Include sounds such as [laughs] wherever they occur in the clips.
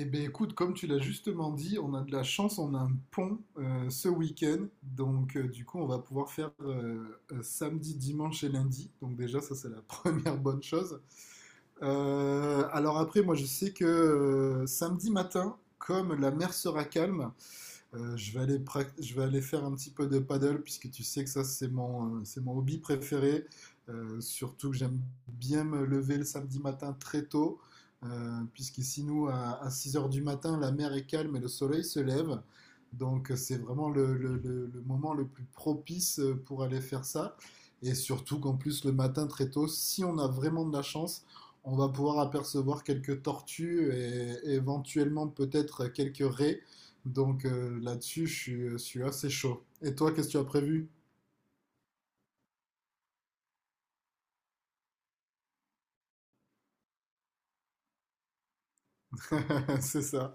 Eh bien, écoute, comme tu l'as justement dit, on a de la chance, on a un pont ce week-end. Donc, du coup, on va pouvoir faire samedi, dimanche et lundi. Donc, déjà, ça, c'est la [laughs] première bonne chose. Après, moi, je sais que samedi matin, comme la mer sera calme, je vais je vais aller faire un petit peu de paddle puisque tu sais que ça c'est mon hobby préféré. Surtout que j'aime bien me lever le samedi matin très tôt puisqu'ici à 6 heures du matin la mer est calme et le soleil se lève. Donc c'est vraiment le moment le plus propice pour aller faire ça. Et surtout qu'en plus le matin très tôt, si on a vraiment de la chance, on va pouvoir apercevoir quelques tortues et éventuellement peut-être quelques raies. Donc là-dessus, je suis assez chaud. Et toi, qu'est-ce que tu as prévu? [laughs] C'est ça.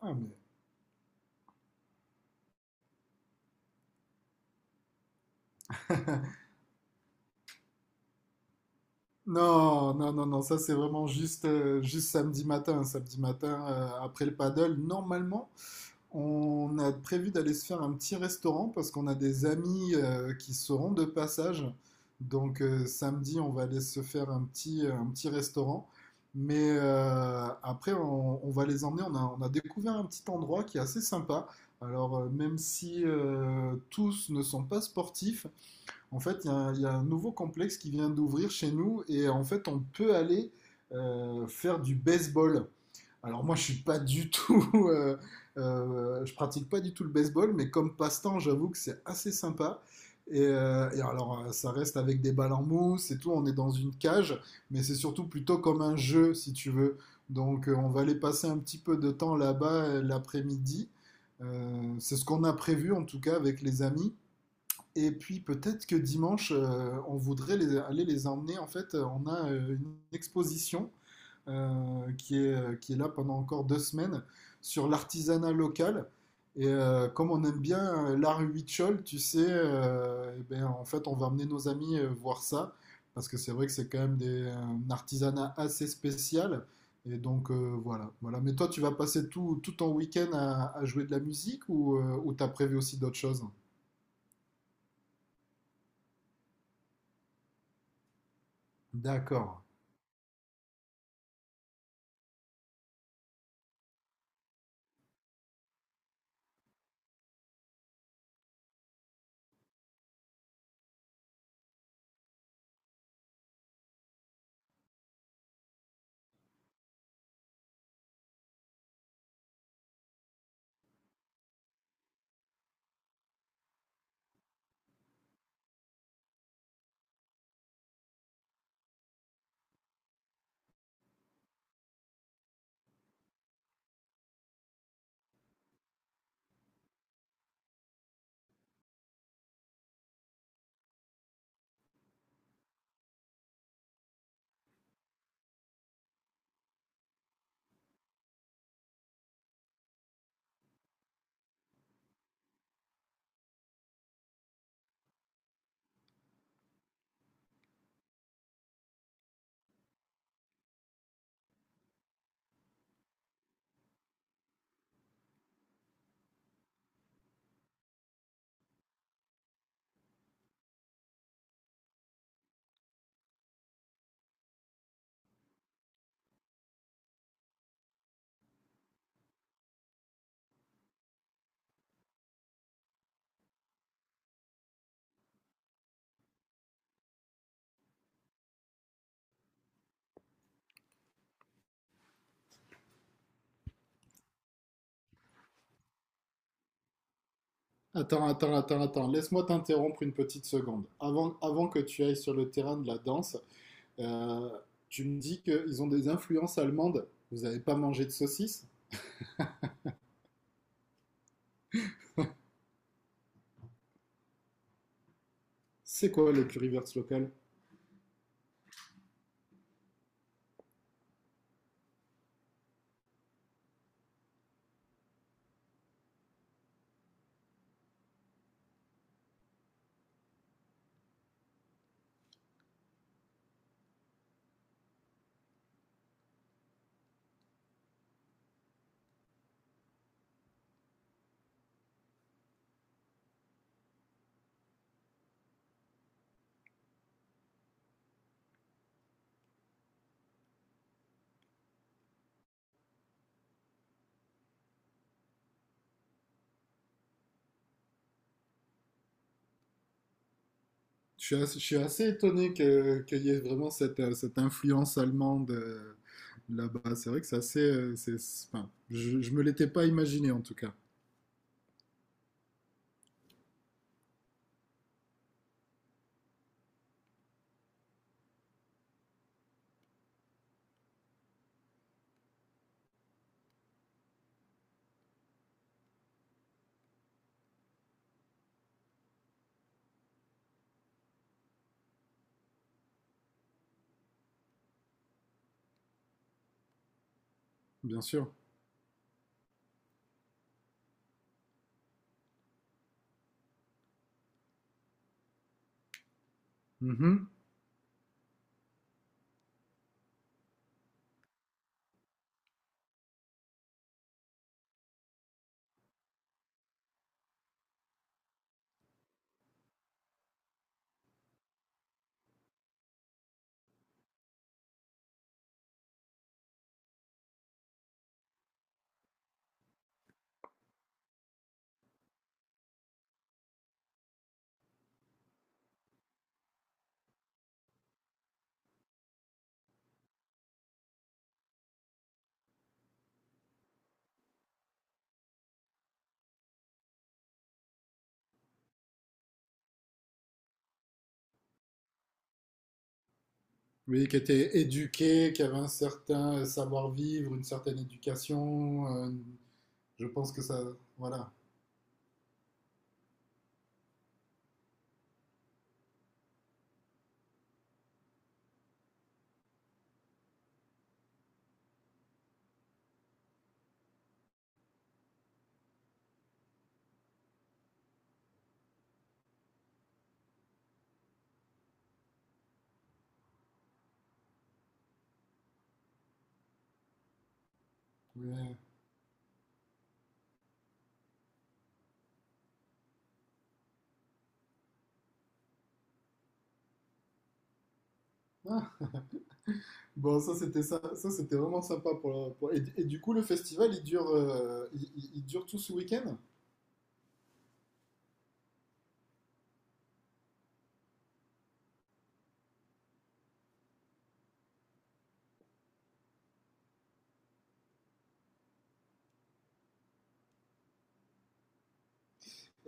Ah, mais non, non, non, non, ça c'est vraiment juste samedi matin. Samedi matin, après le paddle, normalement, on a prévu d'aller se faire un petit restaurant parce qu'on a des amis qui seront de passage. Donc samedi, on va aller se faire un petit restaurant. Mais après, on va les emmener. On a découvert un petit endroit qui est assez sympa. Alors, même si tous ne sont pas sportifs, en fait, il y a un nouveau complexe qui vient d'ouvrir chez nous et en fait, on peut aller faire du baseball. Alors moi, je suis pas du tout, [laughs] euh, je pratique pas du tout le baseball, mais comme passe-temps, j'avoue que c'est assez sympa. Ça reste avec des balles en mousse et tout. On est dans une cage, mais c'est surtout plutôt comme un jeu, si tu veux. Donc, on va aller passer un petit peu de temps là-bas l'après-midi. C'est ce qu'on a prévu, en tout cas, avec les amis. Et puis peut-être que dimanche, on voudrait aller les emmener. En fait, on a une exposition qui est là pendant encore deux semaines sur l'artisanat local. Et comme on aime bien l'art huichol, tu sais, eh ben, en fait, on va emmener nos amis voir ça. Parce que c'est vrai que c'est quand même un artisanat assez spécial. Et donc voilà, voilà. Mais toi, tu vas passer tout ton week-end à jouer de la musique ou ou t'as prévu aussi d'autres choses? D'accord. Attends, attends, attends, attends. Laisse-moi t'interrompre une petite seconde. Avant que tu ailles sur le terrain de la danse, euh, tu me dis qu'ils ont des influences allemandes. Vous n'avez pas mangé de saucisses? C'est quoi les currywurst locales? Je suis assez étonné qu'il y ait vraiment cette, cette influence allemande là-bas. C'est vrai que c'est assez... c'est- enfin, je me l'étais pas imaginé en tout cas. Bien sûr. Mhm. Oui, qui était éduqué, qui avait un certain savoir-vivre, une certaine éducation. Je pense que ça, voilà. Ouais. Ah, bon, ça c'était ça, ça c'était vraiment sympa et du coup, le festival, il dure tout ce week-end?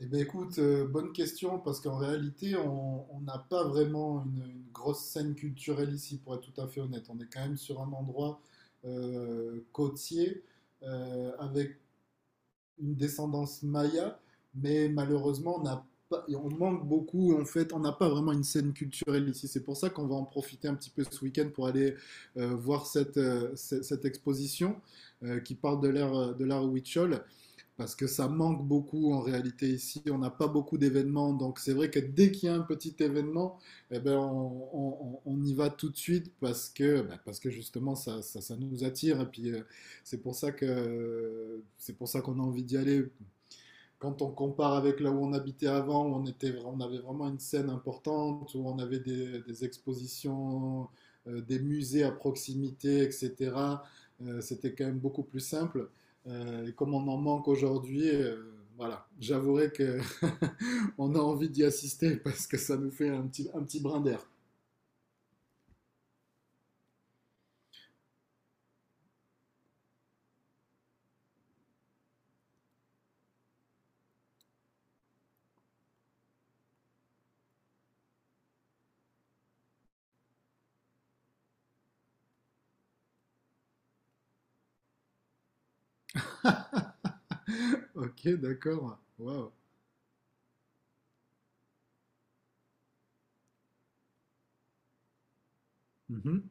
Eh bien, écoute, bonne question parce qu'en réalité, on n'a pas vraiment une grosse scène culturelle ici, pour être tout à fait honnête. On est quand même sur un endroit côtier avec une descendance maya, mais malheureusement, on, a pas- on manque beaucoup. En fait, on n'a pas vraiment une scène culturelle ici. C'est pour ça qu'on va en profiter un petit peu ce week-end pour aller voir cette exposition qui parle de l'ère de l'art Huichol parce que ça manque beaucoup en réalité ici. On n'a pas beaucoup d'événements, donc c'est vrai que dès qu'il y a un petit événement, eh ben on y va tout de suite parce que, ben, parce que justement ça nous attire. Et puis c'est pour ça que c'est pour ça qu'on a envie d'y aller quand on compare avec là où on habitait avant, on avait vraiment une scène importante, où on avait des expositions, des musées à proximité, etc., c'était quand même beaucoup plus simple. Et comme on en manque aujourd'hui, voilà, j'avouerai que [laughs] on a envie d'y assister parce que ça nous fait un petit brin d'air. [laughs] Ok, d'accord. Waouh. Mm -hmm.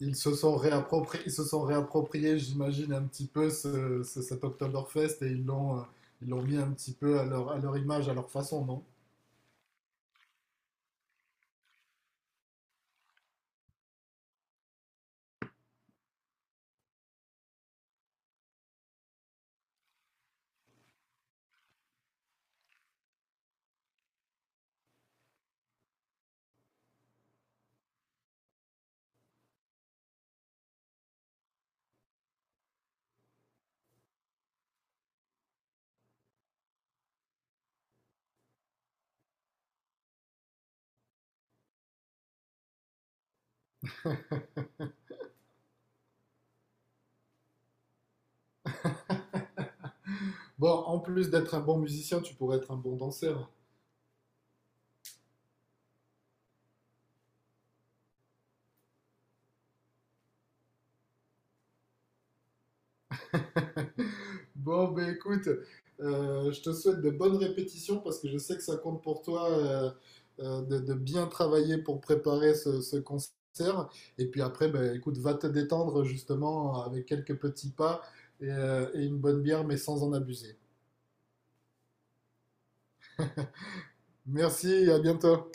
Ils se sont réappropriés, ils se sont réappropriés, j'imagine, un petit peu cet Oktoberfest et ils l'ont mis un petit peu à à leur image, à leur façon, non? Bon, en plus d'être un bon musicien, tu pourrais être un bon danseur. [laughs] Bon, ben écoute, je te souhaite de bonnes répétitions parce que je sais que ça compte pour toi de bien travailler pour préparer ce concert. Et puis après, ben écoute, va te détendre justement avec quelques petits pas et une bonne bière, mais sans en abuser. Merci, à bientôt.